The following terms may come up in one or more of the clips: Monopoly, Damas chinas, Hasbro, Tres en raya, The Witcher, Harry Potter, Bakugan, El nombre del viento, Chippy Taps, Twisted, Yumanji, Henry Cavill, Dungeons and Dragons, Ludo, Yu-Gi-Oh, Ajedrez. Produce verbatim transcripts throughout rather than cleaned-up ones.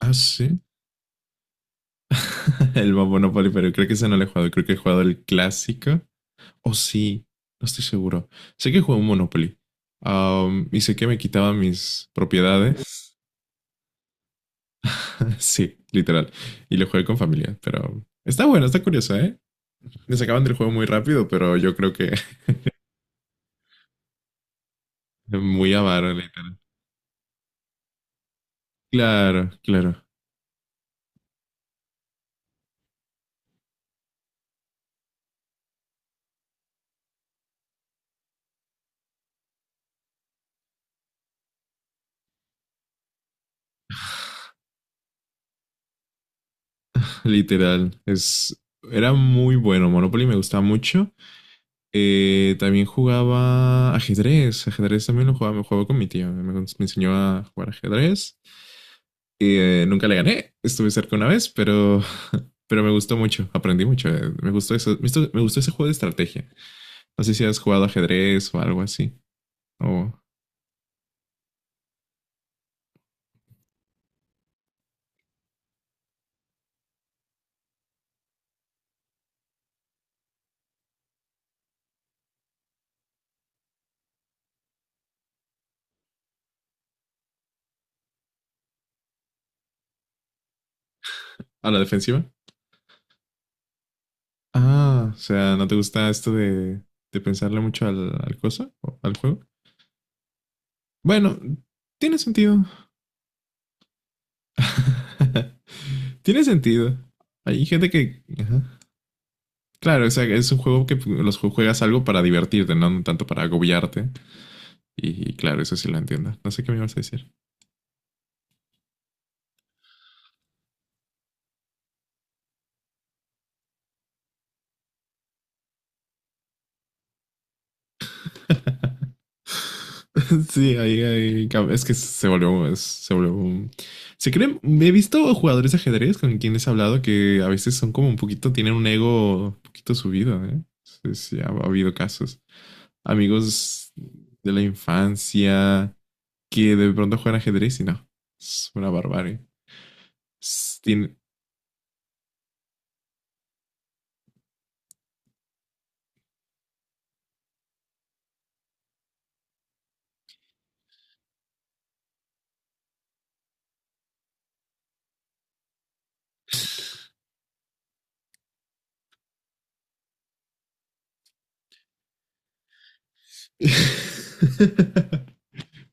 Ah, sí. El Bob Monopoly, pero creo que ese no lo he jugado. Creo que he jugado el clásico. O sí, no estoy seguro. Sé que jugué un Monopoly. Um, y sé que me quitaba mis propiedades. Sí, literal. Y lo jugué con familia, pero está bueno, está curioso, ¿eh? Me sacaban del juego muy rápido, pero yo creo que muy avaro, literal. Claro, claro, literal. Es, era muy bueno. Monopoly me gustaba mucho. Eh, también jugaba ajedrez. Ajedrez también lo jugaba, me jugaba con mi tío. Me, me enseñó a jugar ajedrez. Y, eh, nunca le gané. Estuve cerca una vez, pero, pero me gustó mucho. Aprendí mucho. eh, Me gustó eso. Me gustó, me gustó ese juego de estrategia. No sé si has jugado ajedrez o algo así. O a la defensiva. Ah, o sea, ¿no te gusta esto de, de pensarle mucho al, al cosa? ¿O al juego? Bueno, tiene sentido. Tiene sentido. Hay gente que ajá. Claro, o sea, es un juego que los ju- juegas algo para divertirte, no no tanto para agobiarte. Y, y claro, eso sí lo entiendo. No sé qué me ibas a decir. Sí, ahí, ahí, cab- es que se volvió, es- se volvió. un- Se creen, He visto jugadores de ajedrez con quienes he hablado que a veces son como un poquito, tienen un ego un poquito subido, ¿eh? Sí, sí, ha, ha habido casos. Amigos de la infancia que de pronto juegan ajedrez y no. Es una barbarie. Es- tiene-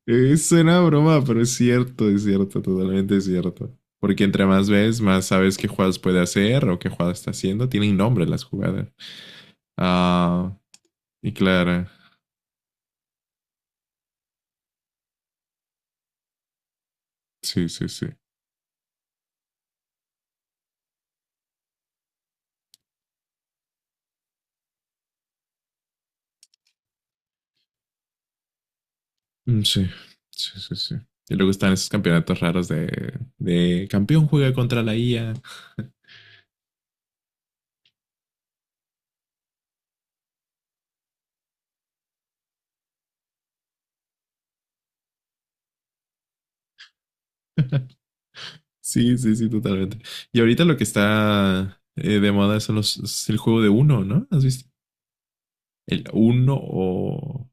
Eh, suena a broma, pero es cierto, es cierto, totalmente es cierto. Porque entre más ves, más sabes qué jugadas puede hacer o qué jugadas está haciendo. Tienen nombre las jugadas. Ah, y claro, sí, sí, sí. Mm, sí, sí, sí, sí. Y luego están esos campeonatos raros de, de campeón juega contra la I A. Sí, sí, sí, totalmente. Y ahorita lo que está eh, de moda son los, es el juego de uno, ¿no? ¿Has visto? ¿El uno o?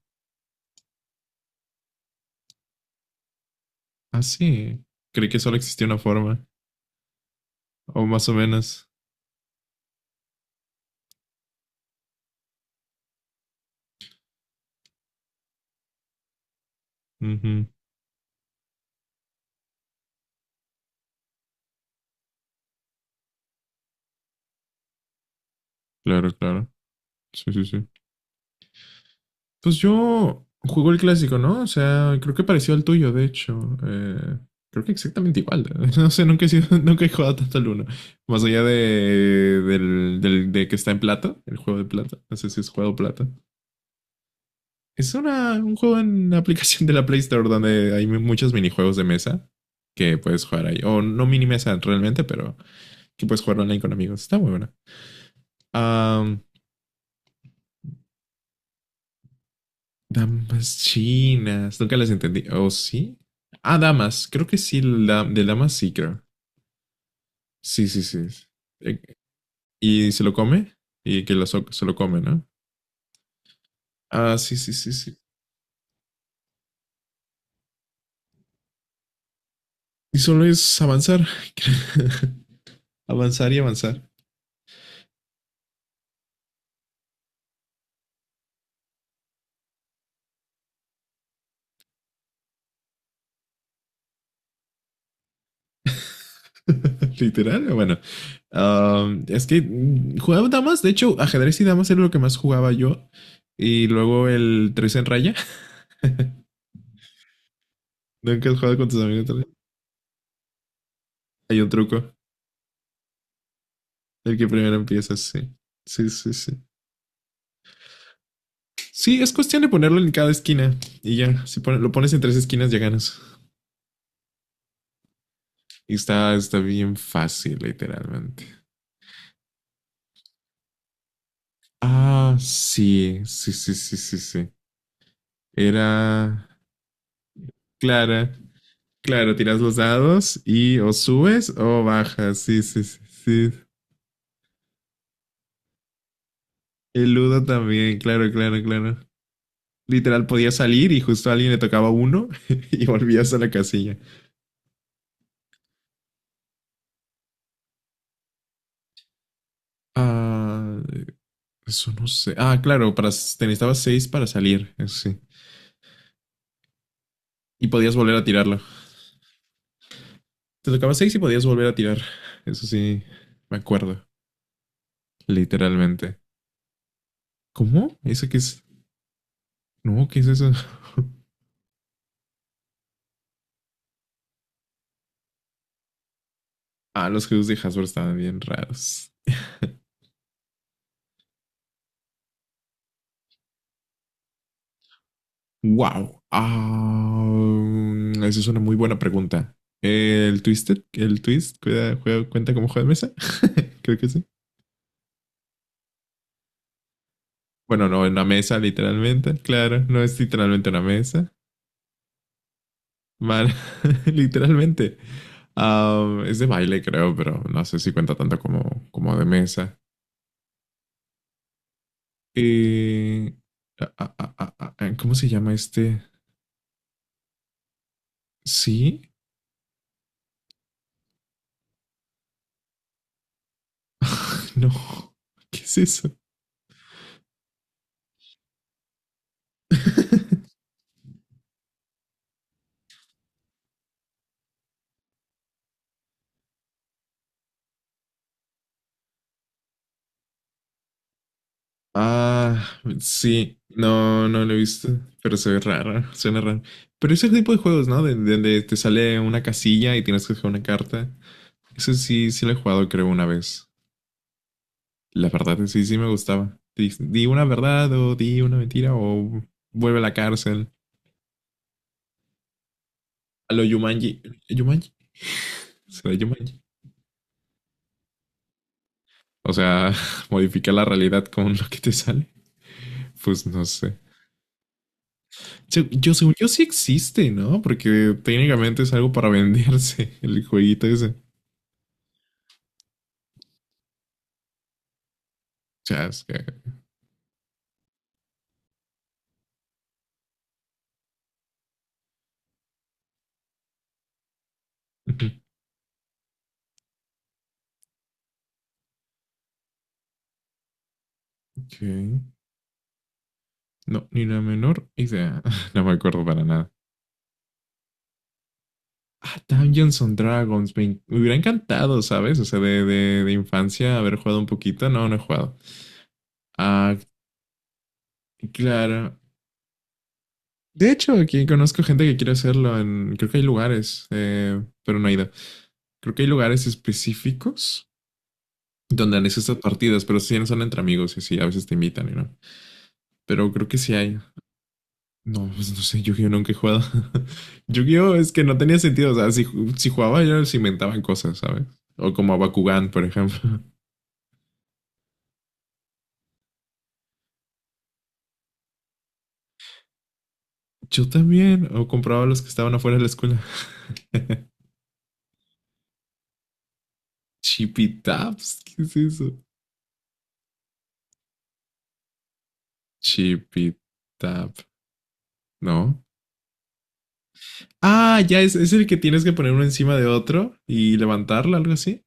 Ah, sí. Creí que solo existía una forma. O más o menos. Ujú, claro, claro. Sí, sí, sí. Pues yo juego el clásico, ¿no? O sea, creo que pareció al tuyo, de hecho. Eh, creo que exactamente igual. No sé, nunca he sido, nunca he jugado tanto al uno. Más allá de, del, del- de que está en plata, el juego de plata. No sé si es juego plata. Es una, un juego en la aplicación de la Play Store donde hay mu- muchos minijuegos de mesa que puedes jugar ahí. O no mini mesa realmente, pero que puedes jugar online con amigos. Está muy buena. Ah, damas chinas. Nunca las entendí. ¿O sí? Ah, damas. Creo que sí, la- de damas sí, creo. Sí, sí, sí. Eh, Y se lo come. Y que lo so- se lo come, ¿no? Ah, sí, sí, sí, sí. Y solo es avanzar. Avanzar y avanzar. Literal, bueno. Am, es que mm, jugaba damas. De hecho, ajedrez y damas era lo que más jugaba yo. Y luego el tres en raya. ¿Nunca has jugado con tus amigos tres? Hay un truco. El que primero empieza, sí. Sí, sí, sí. Sí, es cuestión de ponerlo en cada esquina y ya. Si pone- lo pones en tres esquinas, ya ganas. Y está, está bien fácil, literalmente. Ah, sí, sí, sí, sí, sí, sí. Era Clara. Claro, tiras los dados y o subes o bajas. Sí, sí, sí, sí. El Ludo también, claro, claro, claro. Literal, podía salir y justo a alguien le tocaba uno y volvías a la casilla. Ah, eso no sé. Ah, claro, para, te necesitabas seis para salir, eso sí. Y podías volver a tirarlo. Te tocaba seis y podías volver a tirar. Eso sí, me acuerdo, literalmente. ¿Cómo? ¿Eso qué es? No, ¿qué es eso? Ah, los juegos de Hasbro estaban bien raros. Wow. Ah, esa es una muy buena pregunta. El Twisted, el Twist, cuida, juega, cuenta como juego de mesa. Creo que sí. Bueno, no, en una mesa, literalmente. Claro, no es literalmente una mesa. Man, literalmente. Ah, es de baile, creo, pero no sé si cuenta tanto como, como de mesa. Eh, ah, ah, ah, ah, ah, ¿cómo se llama este? ¿Sí? No. ¿Qué es eso? Ah, sí. No, no lo he visto, pero se ve raro, suena raro. Pero es el tipo de juegos, ¿no? De- de- Donde te sale una casilla y tienes que jugar una carta. Eso sí, sí lo he jugado, creo, una vez. La verdad es que sí, sí me gustaba. Di, di una verdad o di una mentira o vuelve a la cárcel. A lo Yumanji. ¿Yumanji? ¿Será Yumanji? O sea, modificar la realidad con lo que te sale. Pues no sé. Se- Yo, según yo, sí existe, ¿no? Porque técnicamente es algo para venderse el jueguito ese. Chasca. Ok. No, ni la menor idea. No me acuerdo para nada. Ah, Dungeons and Dragons. Me, en- me hubiera encantado, ¿sabes? O sea, de, de, de infancia haber jugado un poquito. No, no he jugado. Ah, claro. De hecho, aquí conozco gente que quiere hacerlo. En, creo que hay lugares, eh, pero no he ido. Creo que hay lugares específicos donde han hecho estas partidas, pero sí son entre amigos y sí, a veces te invitan y no. Pero creo que sí hay. No, pues no sé, Yu-Gi-Oh nunca he jugado. Yu-Gi-Oh es que no tenía sentido. O sea, si, si jugaba yo se inventaban cosas, ¿sabes? O como a Bakugan, por ejemplo. Yo también. O compraba los que estaban afuera de la escuela. Chippy Taps. ¿Qué es eso? Chippy Tap. No. Ah, ya es, es el que tienes que poner uno encima de otro y levantarlo, algo así.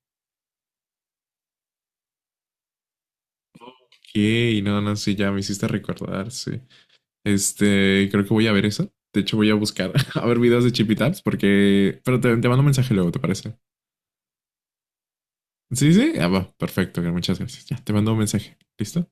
Ok, no, no, sí, ya me hiciste recordar, sí. Este, creo que voy a ver eso. De hecho, voy a buscar a ver videos de Chippy Taps porque. Pero te, te mando un mensaje luego, ¿te parece? Sí, sí. Ah, va, perfecto, muchas gracias. Ya, te mando un mensaje. ¿Listo?